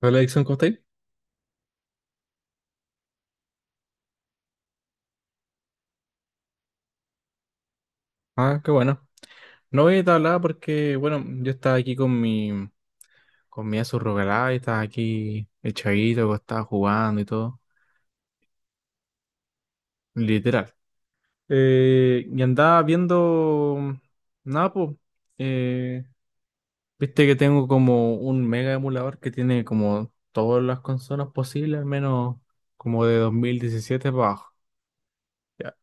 Hola, Dixon, ¿cómo estáis? Ah, qué bueno. No voy a hablar porque, bueno, yo estaba aquí con mi Asus ROG Ally, estaba aquí echadito, estaba jugando y todo, literal. Y andaba viendo, nada, pues, eh, viste que tengo como un mega emulador que tiene como todas las consolas posibles, al menos como de 2017 para abajo. Ya,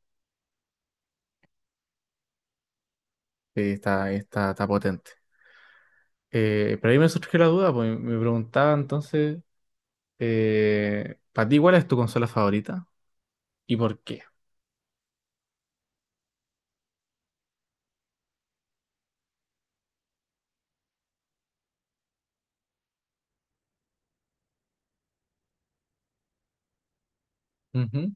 sí, está potente. Pero ahí me surgió la duda, pues me preguntaba entonces... ¿Para ti cuál es tu consola favorita y por qué? Ujú.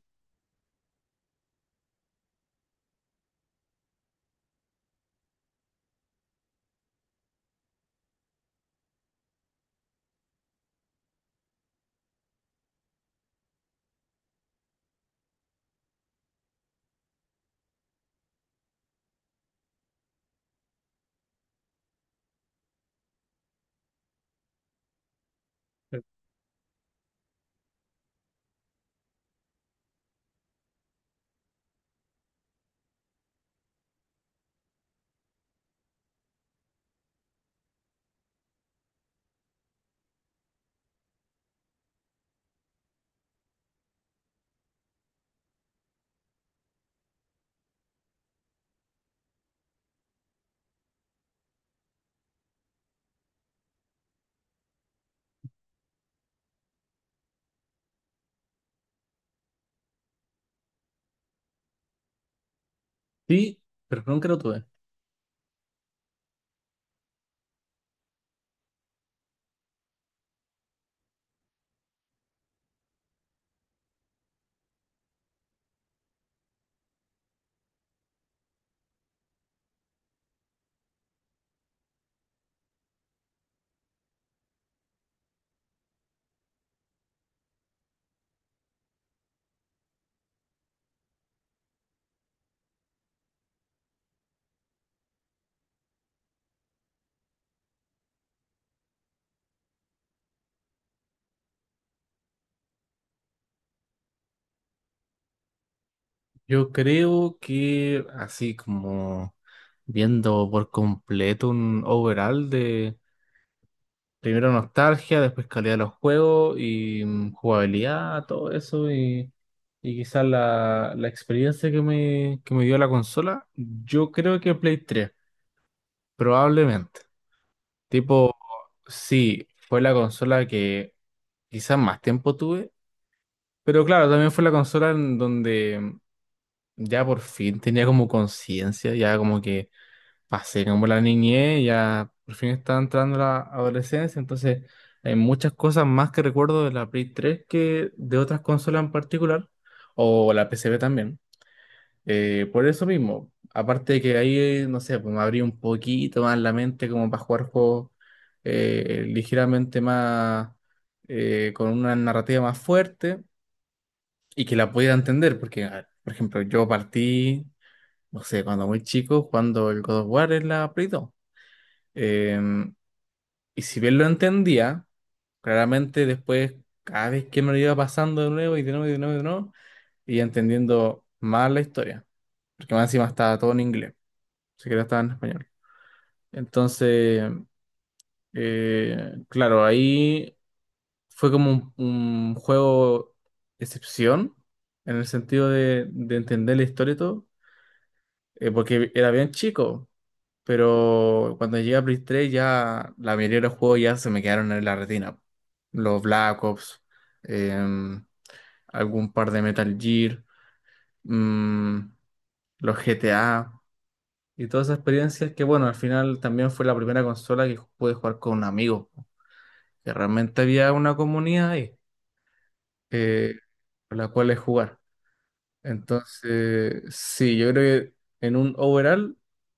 Sí, pero nunca lo tuve. Yo creo que así como viendo por completo un overall de primero nostalgia, después calidad de los juegos y jugabilidad, todo eso y quizás la experiencia que me dio la consola, yo creo que Play 3, probablemente. Tipo, sí, fue la consola que quizás más tiempo tuve, pero claro, también fue la consola en donde ya por fin tenía como conciencia, ya como que pasé como la niñez, ya por fin estaba entrando la adolescencia, entonces hay muchas cosas más que recuerdo de la Play 3 que de otras consolas en particular, o la PCB también. Por eso mismo, aparte de que ahí, no sé, pues me abrí un poquito más la mente como para jugar juegos ligeramente más, con una narrativa más fuerte, y que la pudiera entender, porque, a ver, por ejemplo, yo partí, no sé, cuando muy chico, cuando el God of War en la Play 2. Em, y si bien lo entendía, claramente después, cada vez que me lo iba pasando de nuevo y de nuevo y de nuevo y de nuevo, iba entendiendo más la historia, porque más encima estaba todo en inglés, ni siquiera estaba en español. Entonces, claro, ahí fue como un juego excepción, en el sentido de entender la historia y todo, porque era bien chico, pero cuando llegué a Play 3 ya la mayoría de los juegos ya se me quedaron en la retina. Los Black Ops, em, algún par de Metal Gear, mm, los GTA y todas esas experiencias que, bueno, al final también fue la primera consola que pude jugar con amigos, que realmente había una comunidad ahí, eh, con la cual es jugar. Entonces, sí, yo creo que en un overall,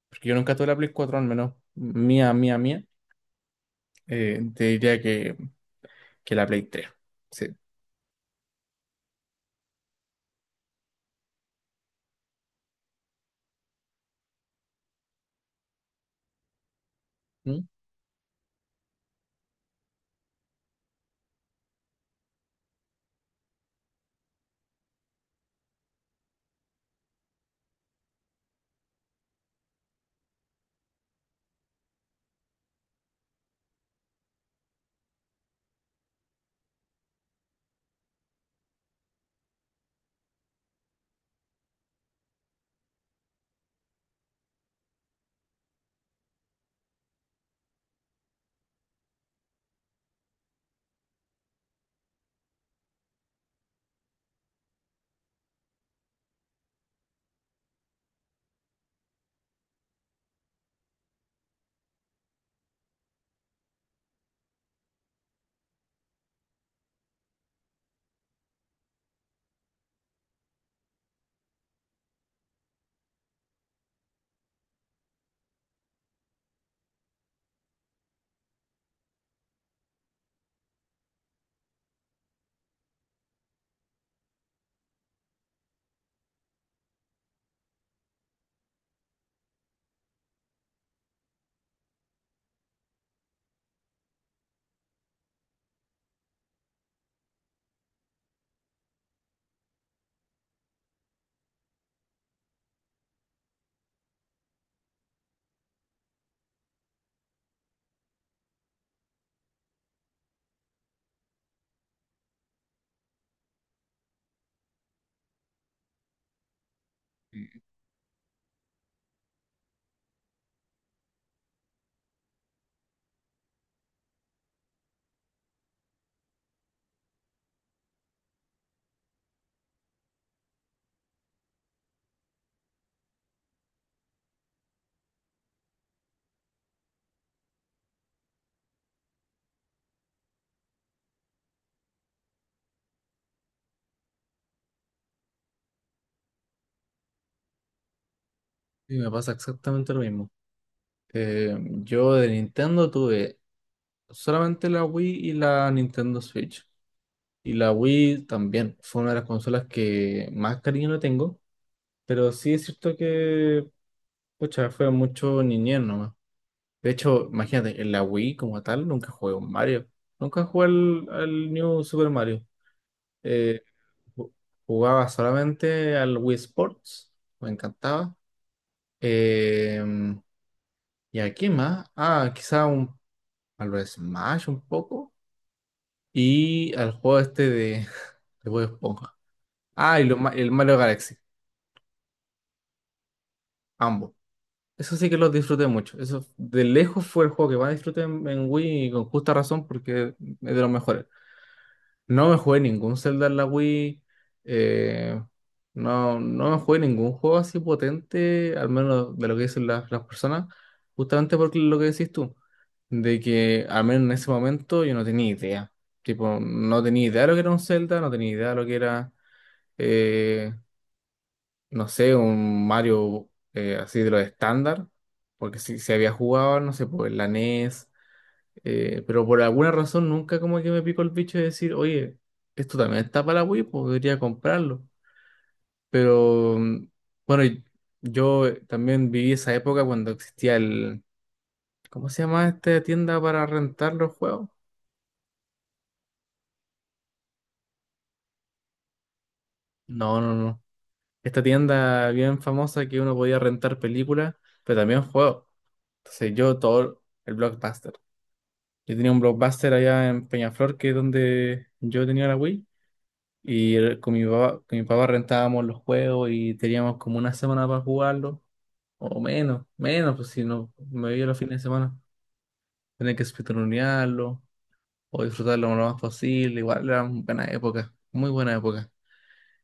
porque yo nunca tuve la Play 4 al menos mía, mía, mía, te diría que la Play 3. Sí. ¿Mm? Y me pasa exactamente lo mismo. Eh, yo de Nintendo tuve solamente la Wii y la Nintendo Switch. Y la Wii también fue una de las consolas que más cariño le tengo, pero sí es cierto que, pucha, fue mucho niñez, ¿no? De hecho, imagínate, en la Wii como tal nunca jugué un Mario. Nunca jugué al New Super Mario. Eh, ju- jugaba solamente al Wii Sports. Me encantaba. Eh, ¿y aquí más? Ah, quizá a lo Smash un poco. Y al juego este de, de Bob Esponja. Ah, y el Mario Galaxy. Ambos. Eso sí que los disfruté mucho. Eso de lejos fue el juego que más disfruté en Wii y con justa razón porque es de los mejores. No me jugué ningún Zelda en la Wii. eh, no, no me jugué ningún juego así potente, al menos de lo que dicen las personas, justamente por lo que decís tú, de que al menos en ese momento yo no tenía idea. Tipo, no tenía idea de lo que era un Zelda, no tenía idea de lo que era, eh, no sé, un Mario, así de lo estándar, porque si se había jugado, no sé, pues en la NES, pero por alguna razón nunca como que me picó el bicho de decir, oye, esto también está para Wii, podría comprarlo. Pero bueno, yo, también viví esa época cuando existía el, ¿cómo se llama esta tienda para rentar los juegos? No, no, no. Esta tienda bien famosa que uno podía rentar películas, pero también juegos. Entonces yo todo el Blockbuster. Yo tenía un Blockbuster allá en Peñaflor, que es donde yo tenía la Wii. Y con mi papá rentábamos los juegos y teníamos como una semana para jugarlo, o menos, menos, pues si no me veía los fines de semana. Tenía que espetoronearlo o disfrutarlo lo más posible. Igual era una buena época, muy buena época.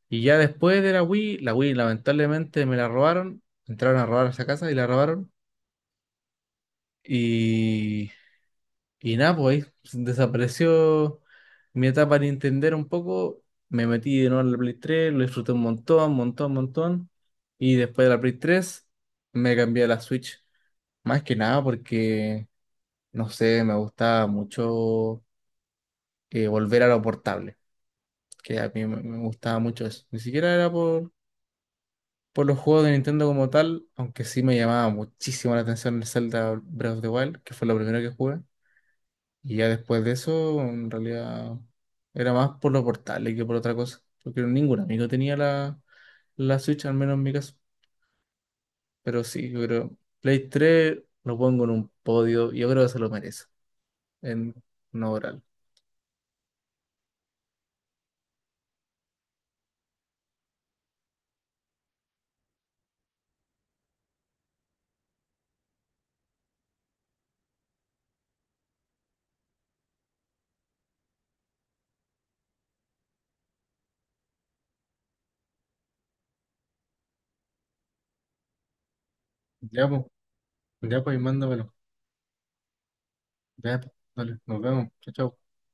Y ya después de la Wii lamentablemente me la robaron, entraron a robar esa casa y la robaron. Y Y nada, pues ahí desapareció mi etapa de entender un poco. Me metí de nuevo en la Play 3, lo disfruté un montón, montón, montón. Y después de la Play 3 me cambié a la Switch. Más que nada porque, no sé, me gustaba mucho, volver a lo portable. Que a mí me gustaba mucho eso. Ni siquiera era por los juegos de Nintendo como tal, aunque sí me llamaba muchísimo la atención el Zelda Breath of the Wild, que fue lo primero que jugué. Y ya después de eso, en realidad, era más por los portales que por otra cosa. Porque ningún amigo tenía la Switch, al menos en mi caso. Pero sí, yo creo, Play 3 lo pongo en un podio. Yo creo que se lo merece, en un oral. Ya, pues, ya, pues, mándamelo. Ya, pues, dale, nos vemos. Chao, chao.